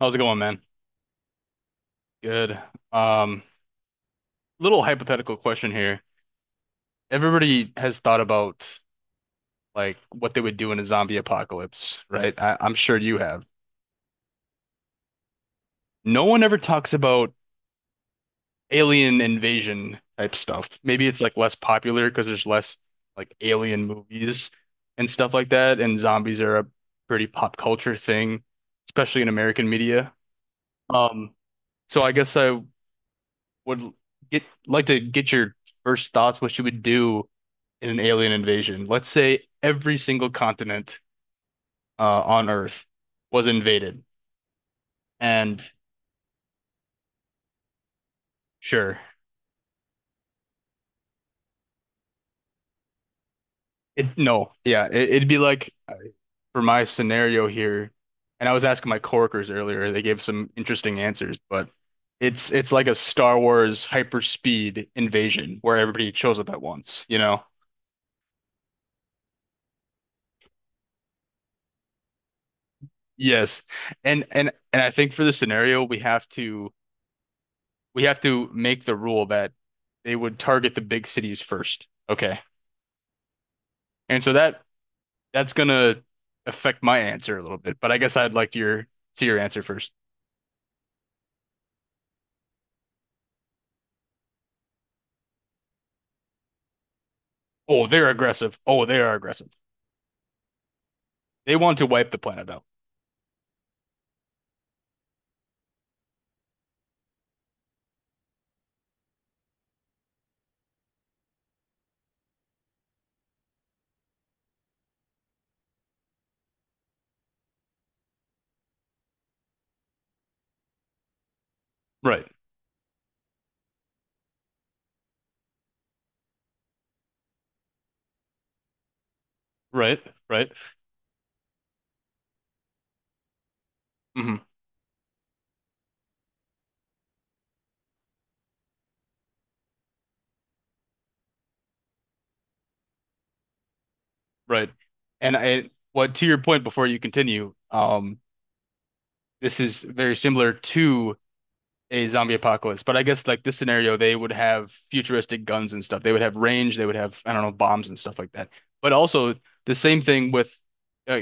How's it going, man? Good. Um, Little hypothetical question here. Everybody has thought about like what they would do in a zombie apocalypse, right? I'm sure you have. No one ever talks about alien invasion type stuff. Maybe it's like less popular because there's less like alien movies and stuff like that, and zombies are a pretty pop culture thing, especially in American media. Um, so I guess I would get like to get your first thoughts what you would do in an alien invasion. Let's say every single continent on Earth was invaded, and sure, it no, yeah, it'd be like for my scenario here, and I was asking my coworkers earlier, they gave some interesting answers, but it's like a Star Wars hyperspeed invasion where everybody shows up at once, you know? Yes, and I think for the scenario we have to. We have to make the rule that they would target the big cities first. Okay. And so that's gonna affect my answer a little bit, but I guess I'd like your see your answer first. Oh, they're aggressive. Oh, they are aggressive. They want to wipe the planet out. Right, right, right, hmm right. And I, what to your point before you continue, this is very similar to a zombie apocalypse. But I guess like this scenario, they would have futuristic guns and stuff. They would have range. They would have, I don't know, bombs and stuff like that. But also the same thing with, uh,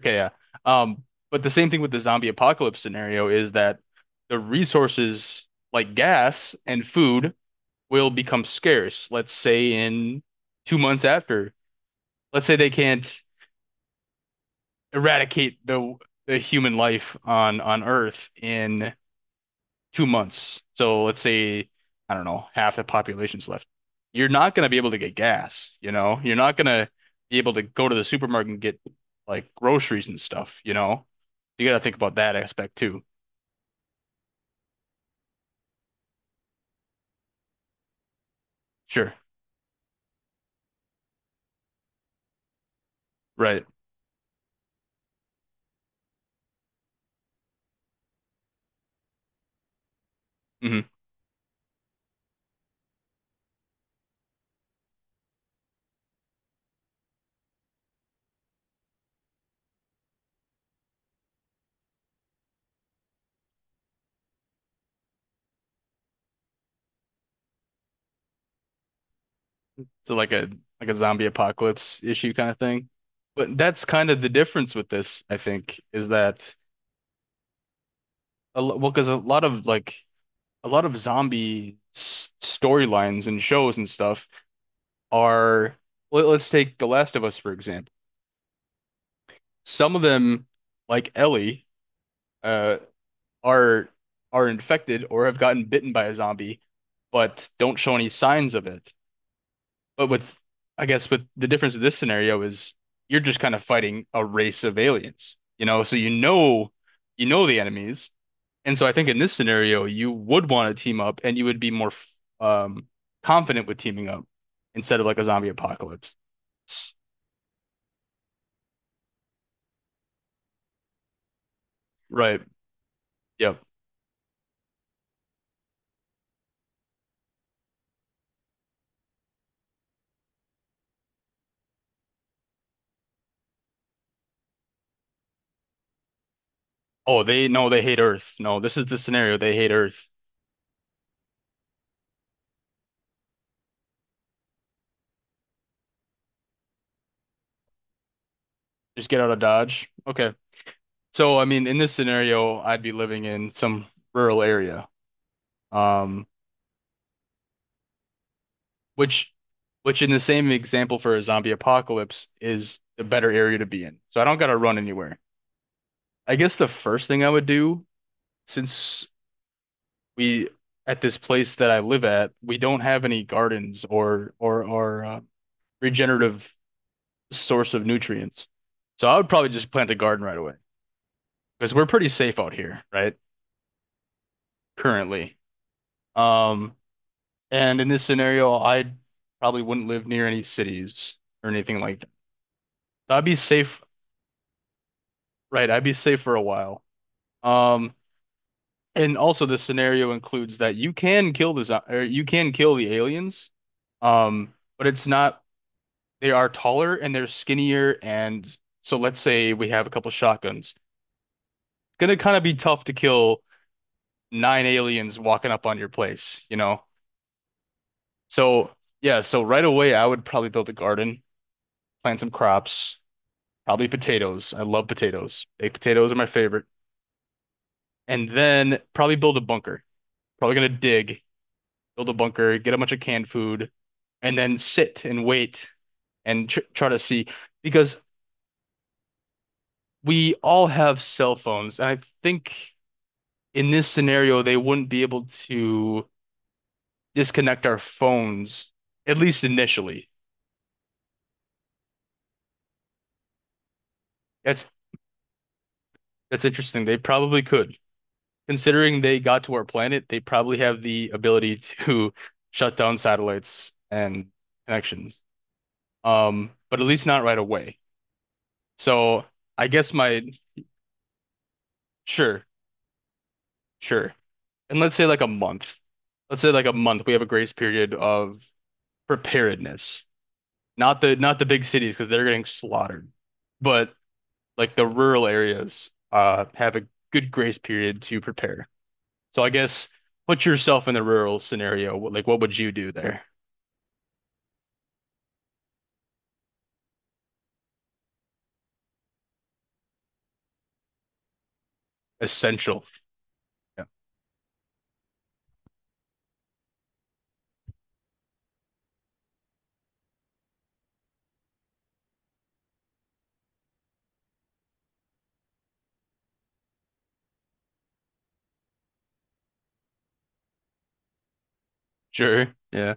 okay, yeah. Um, but the same thing with the zombie apocalypse scenario is that the resources like gas and food will become scarce. Let's say in 2 months after, let's say they can't eradicate the human life on Earth in 2 months. So let's say, I don't know, half the population's left. You're not going to be able to get gas, you know? You're not going to be able to go to the supermarket and get like groceries and stuff, you know? You got to think about that aspect too. Sure. Right. hmm So like a zombie apocalypse issue kind of thing. But that's kind of the difference with this, I think, is that well, because a lot of like a lot of storylines and shows and stuff are let, us take The Last of Us for example. Some of them, like Ellie, uh, are are infected or have gotten bitten by a zombie, but don't show any signs of it. But with, I guess, with the difference of this scenario is you're just kind of fighting a race of aliens, you know. So you know the enemies, and so I think in this scenario you would want to team up, and you would be more um confident with teaming up instead of like a zombie apocalypse. Right. Yep. Oh, they no, they hate Earth. No, this is the scenario. They hate Earth. Just get out of Dodge. Okay. So, I mean, in this scenario, I'd be living in some rural area. Um, which which in the same example for a zombie apocalypse is the better area to be in. So I don't gotta run anywhere. I guess the first thing I would do, since we at this place that I live at, we don't have any gardens or regenerative source of nutrients. So I would probably just plant a garden right away, because we're pretty safe out here, right? Currently. Um, and in this scenario, I probably wouldn't live near any cities or anything like that. So I'd be safe, right? I'd be safe for a while. Um, and also the scenario includes that you can kill the zo- or you can kill the aliens, but it's not they are taller and they're skinnier, and so let's say we have a couple shotguns. It's gonna kind of be tough to kill nine aliens walking up on your place, you know? So yeah, so right away I would probably build a garden, plant some crops, probably potatoes. I love potatoes. Baked potatoes are my favorite. And then probably build a bunker. Probably gonna dig, build a bunker, get a bunch of canned food, and then sit and wait and tr try to see because we all have cell phones, and I think in this scenario they wouldn't be able to disconnect our phones, at least initially. That's that's interesting. They probably could, considering they got to our planet. They probably have the ability to shut down satellites and connections. But at least not right away. So I guess my sure, sure. And let's say like a month. Let's say like a month, we have a grace period of preparedness. Not the big cities because they're getting slaughtered, but like the rural areas have a good grace period to prepare. So I guess put yourself in the rural scenario. What? Like what would you do there? Essential. Yeah. Sure. Yeah.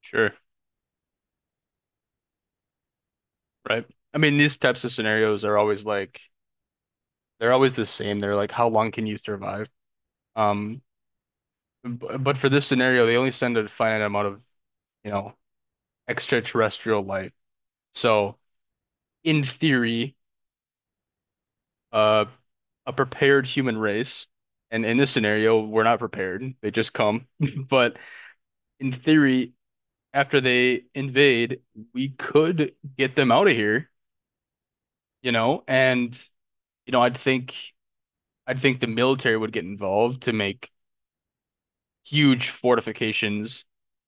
Sure. Right. I mean, these types of scenarios are always like they're always the same. They're like, how long can you survive? Um, but for this scenario, they only send a finite amount of, you know, extraterrestrial life. So in theory, uh, a prepared human race, and in this scenario, we're not prepared. They just come. But in theory, after they invade, we could get them out of here, you know, and you know, I'd think the military would get involved to make huge fortifications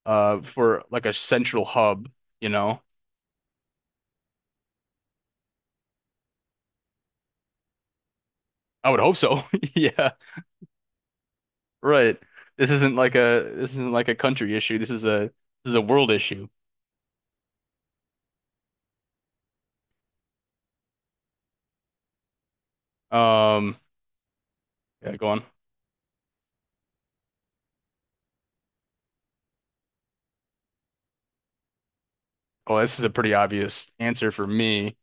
for like a central hub, you know. I would hope so. Yeah, right. This isn't like a this isn't like a country issue. This is a world issue. Um, yeah, go on. Well, this is a pretty obvious answer for me.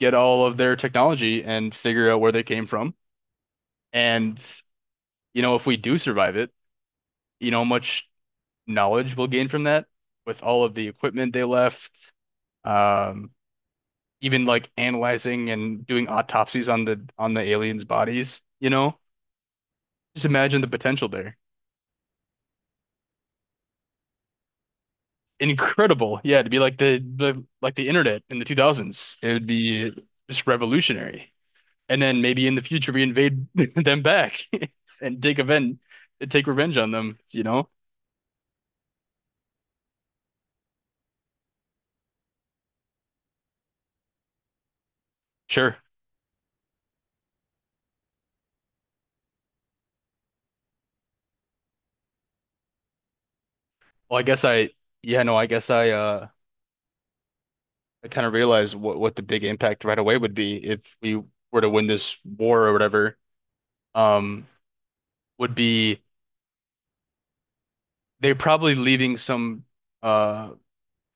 Get all of their technology and figure out where they came from. And you know, if we do survive it, you know, much knowledge we'll gain from that with all of the equipment they left. Um, even like analyzing and doing autopsies on the aliens' bodies, you know? Just imagine the potential there. Incredible. Yeah, to be like the like the internet in the 2000s. It would be just revolutionary. And then maybe in the future we invade them back and take revenge on them, you know? Sure. Well, I guess I yeah, no, I guess I kind of realized what the big impact right away would be if we were to win this war or whatever. Um, would be they're probably leaving some uh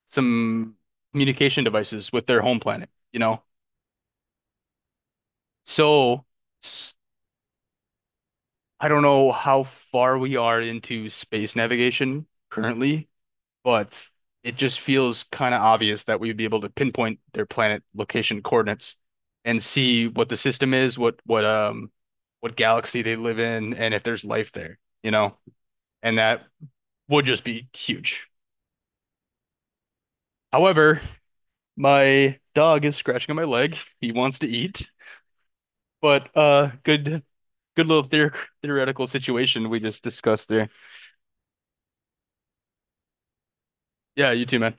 some communication devices with their home planet, you know. So s- I don't know how far we are into space navigation currently, but it just feels kind of obvious that we'd be able to pinpoint their planet location coordinates and see what the system is, what what galaxy they live in, and if there's life there, you know? And that would just be huge. However, my dog is scratching on my leg. He wants to eat, but good good little theor theoretical situation we just discussed there. Yeah, you too, man.